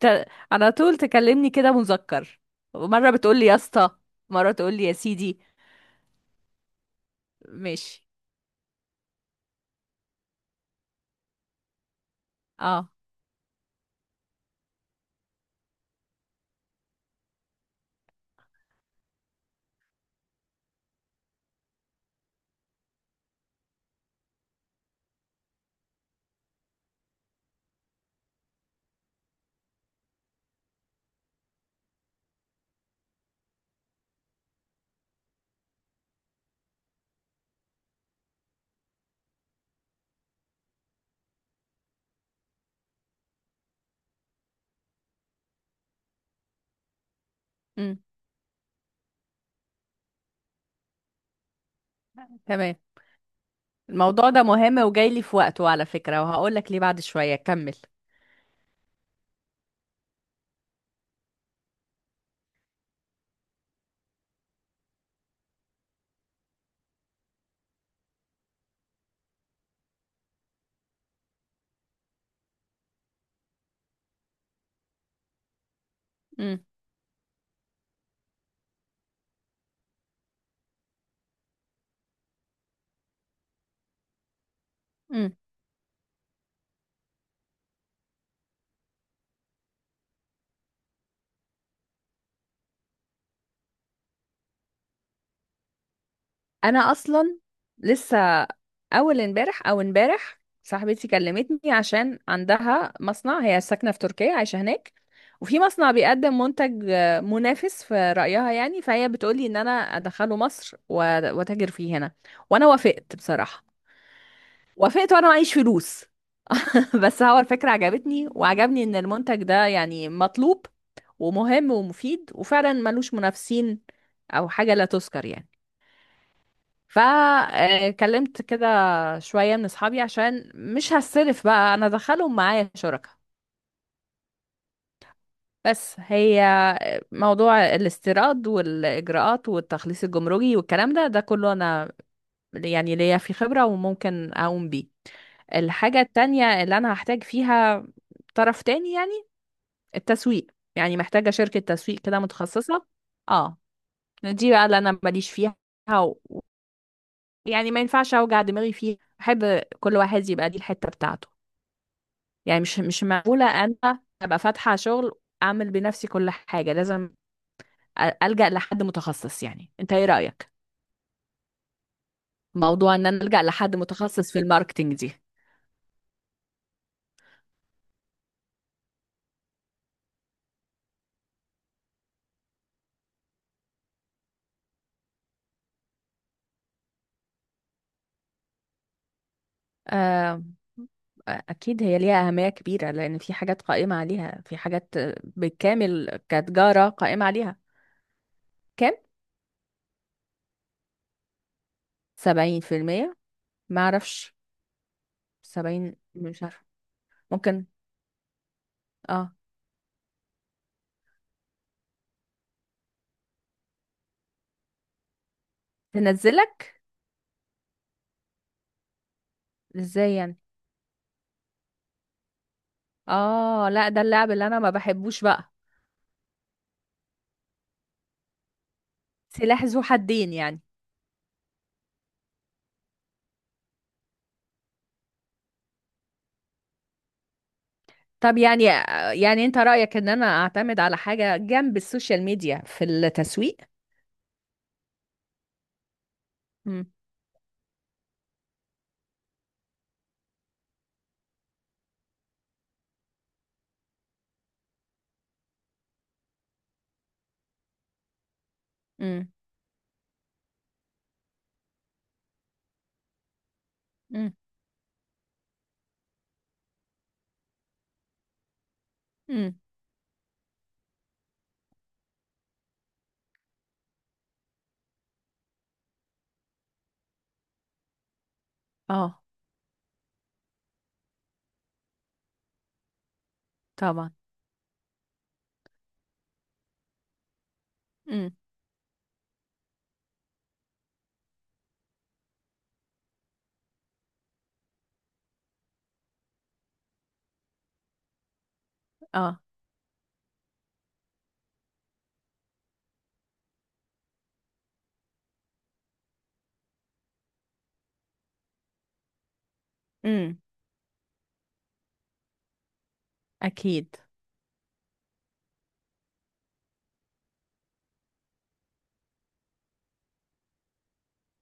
ت- على طول تكلمني كده مذكر، مرة بتقولي يا اسطى، مرة تقولي يا سيدي. ماشي. اه. امم. تمام. الموضوع ده مهم وجاي لي في وقته على فكرة، وهقول لك ليه بعد شوية. كمل. امم. انا اصلا لسه اول امبارح او امبارح صاحبتي كلمتني عشان عندها مصنع، هي ساكنه في تركيا عايشه هناك، وفي مصنع بيقدم منتج منافس في رايها يعني. فهي بتقولي ان انا ادخله مصر واتاجر فيه هنا، وانا وافقت بصراحه. وافقت وانا معيش فلوس. بس هو الفكره عجبتني، وعجبني ان المنتج ده يعني مطلوب ومهم ومفيد، وفعلا ملوش منافسين او حاجه لا تذكر يعني. فكلمت كده شوية من اصحابي عشان مش هصرف بقى، انا ادخلهم معايا شركة. بس هي موضوع الاستيراد والاجراءات والتخليص الجمركي والكلام ده، ده كله انا يعني ليا في خبرة وممكن اقوم بيه. الحاجة التانية اللي انا هحتاج فيها طرف تاني يعني التسويق، يعني محتاجة شركة تسويق كده متخصصة. اه. دي بقى اللي انا ماليش فيها، يعني ما ينفعش اوجع دماغي فيه. احب كل واحد يبقى دي الحتة بتاعته. يعني مش معقولة انا ابقى فاتحة شغل اعمل بنفسي كل حاجة. لازم الجأ لحد متخصص. يعني انت ايه رأيك موضوع ان انا الجأ لحد متخصص في الماركتينج دي؟ آه، أكيد هي ليها أهمية كبيرة، لأن في حاجات قائمة عليها، في حاجات بالكامل كتجارة قائمة عليها. كام؟ سبعين في المية؟ معرفش. سبعين مش عارفة. ممكن. اه. تنزلك ازاي يعني؟ اه لا، ده اللعب اللي انا ما بحبوش بقى. سلاح ذو حدين يعني. طب يعني، يعني انت رأيك ان انا اعتمد على حاجة جنب السوشيال ميديا في التسويق؟ امم. امم. امم. امم. اه طبعا. امم. اه. امم. اكيد.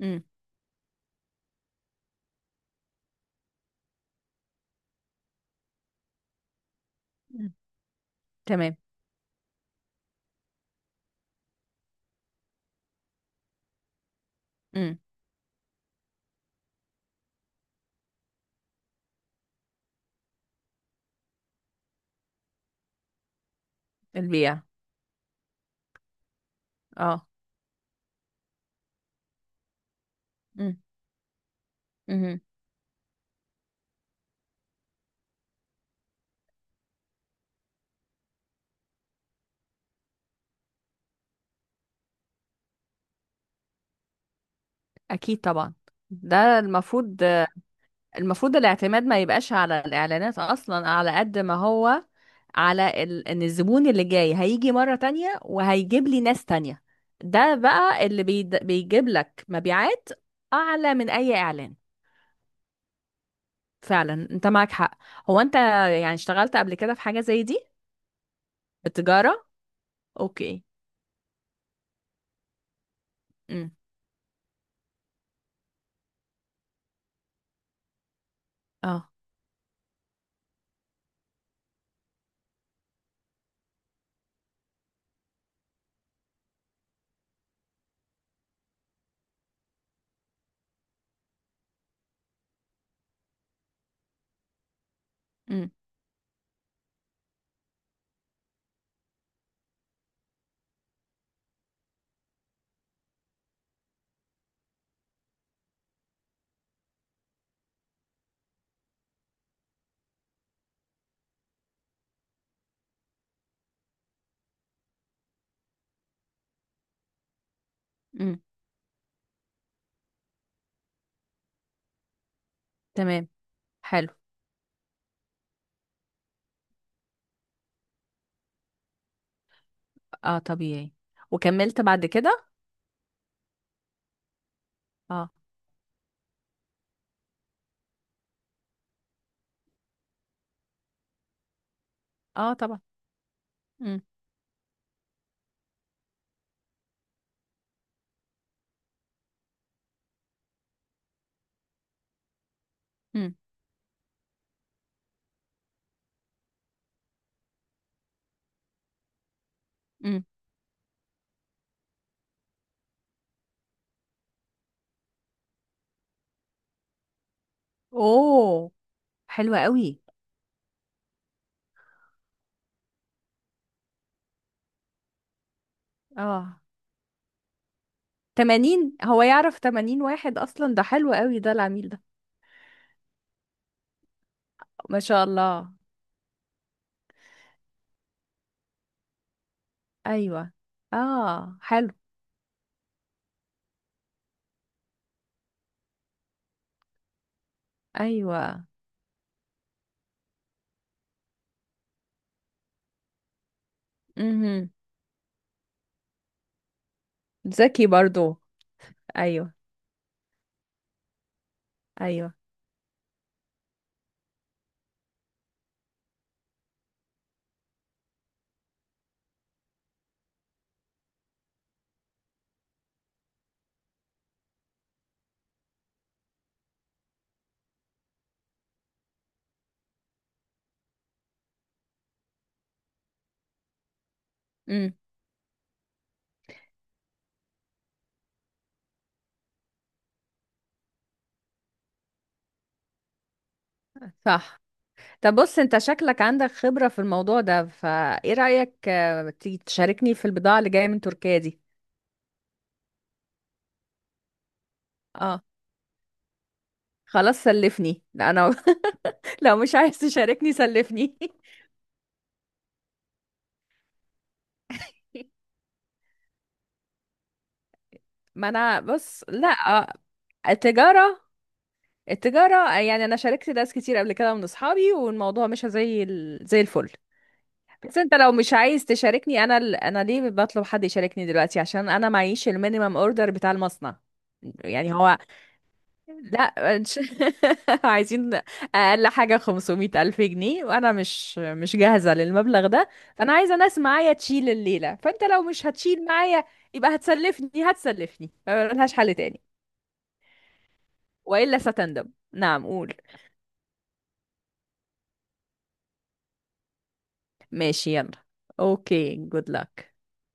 امم. تمام. امم البيع. اه. امم. اكيد طبعا، ده المفروض. المفروض الاعتماد ما يبقاش على الإعلانات أصلا، على قد ما هو على إن الزبون اللي جاي هيجي مرة تانية وهيجيب لي ناس تانية. ده بقى اللي بيجيب لك مبيعات أعلى من أي إعلان. فعلا أنت معك حق. هو أنت يعني اشتغلت قبل كده في حاجة زي دي؟ بالتجارة. أوكي. امم. اه. امم. امم. تمام. حلو. اه طبيعي. وكملت بعد كده. اه. اه طبعا. امم. امم. امم. اوه. حلوة قوي. اه. 80، هو يعرف 80 واحد اصلا؟ ده حلو قوي ده العميل ده. ما شاء الله. ايوه. اه حلو. ايوه. امم. ذكي برضو. ايوه. ايوه. امم. صح. طب بص، انت شكلك عندك خبرة في الموضوع ده، فايه رأيك تيجي تشاركني في البضاعة اللي جاية من تركيا دي؟ اه خلاص سلفني. لا انا لو مش عايز تشاركني سلفني. ما انا بص، لا التجارة التجارة يعني أنا شاركت ناس كتير قبل كده من أصحابي، والموضوع مش زي زي الفل. بس أنت لو مش عايز تشاركني، أنا أنا ليه بطلب حد يشاركني دلوقتي؟ عشان أنا معيش المينيمم أوردر بتاع المصنع. يعني هو لا، مش- عايزين أقل حاجة 500 ألف جنيه، وأنا مش جاهزة للمبلغ ده. فأنا عايزة ناس معايا تشيل الليلة، فأنت لو مش هتشيل معايا يبقى هتسلفني. هتسلفني ملهاش حل تاني، وإلا ستندم. نعم قول. ماشي. يلا. اوكي جود لك.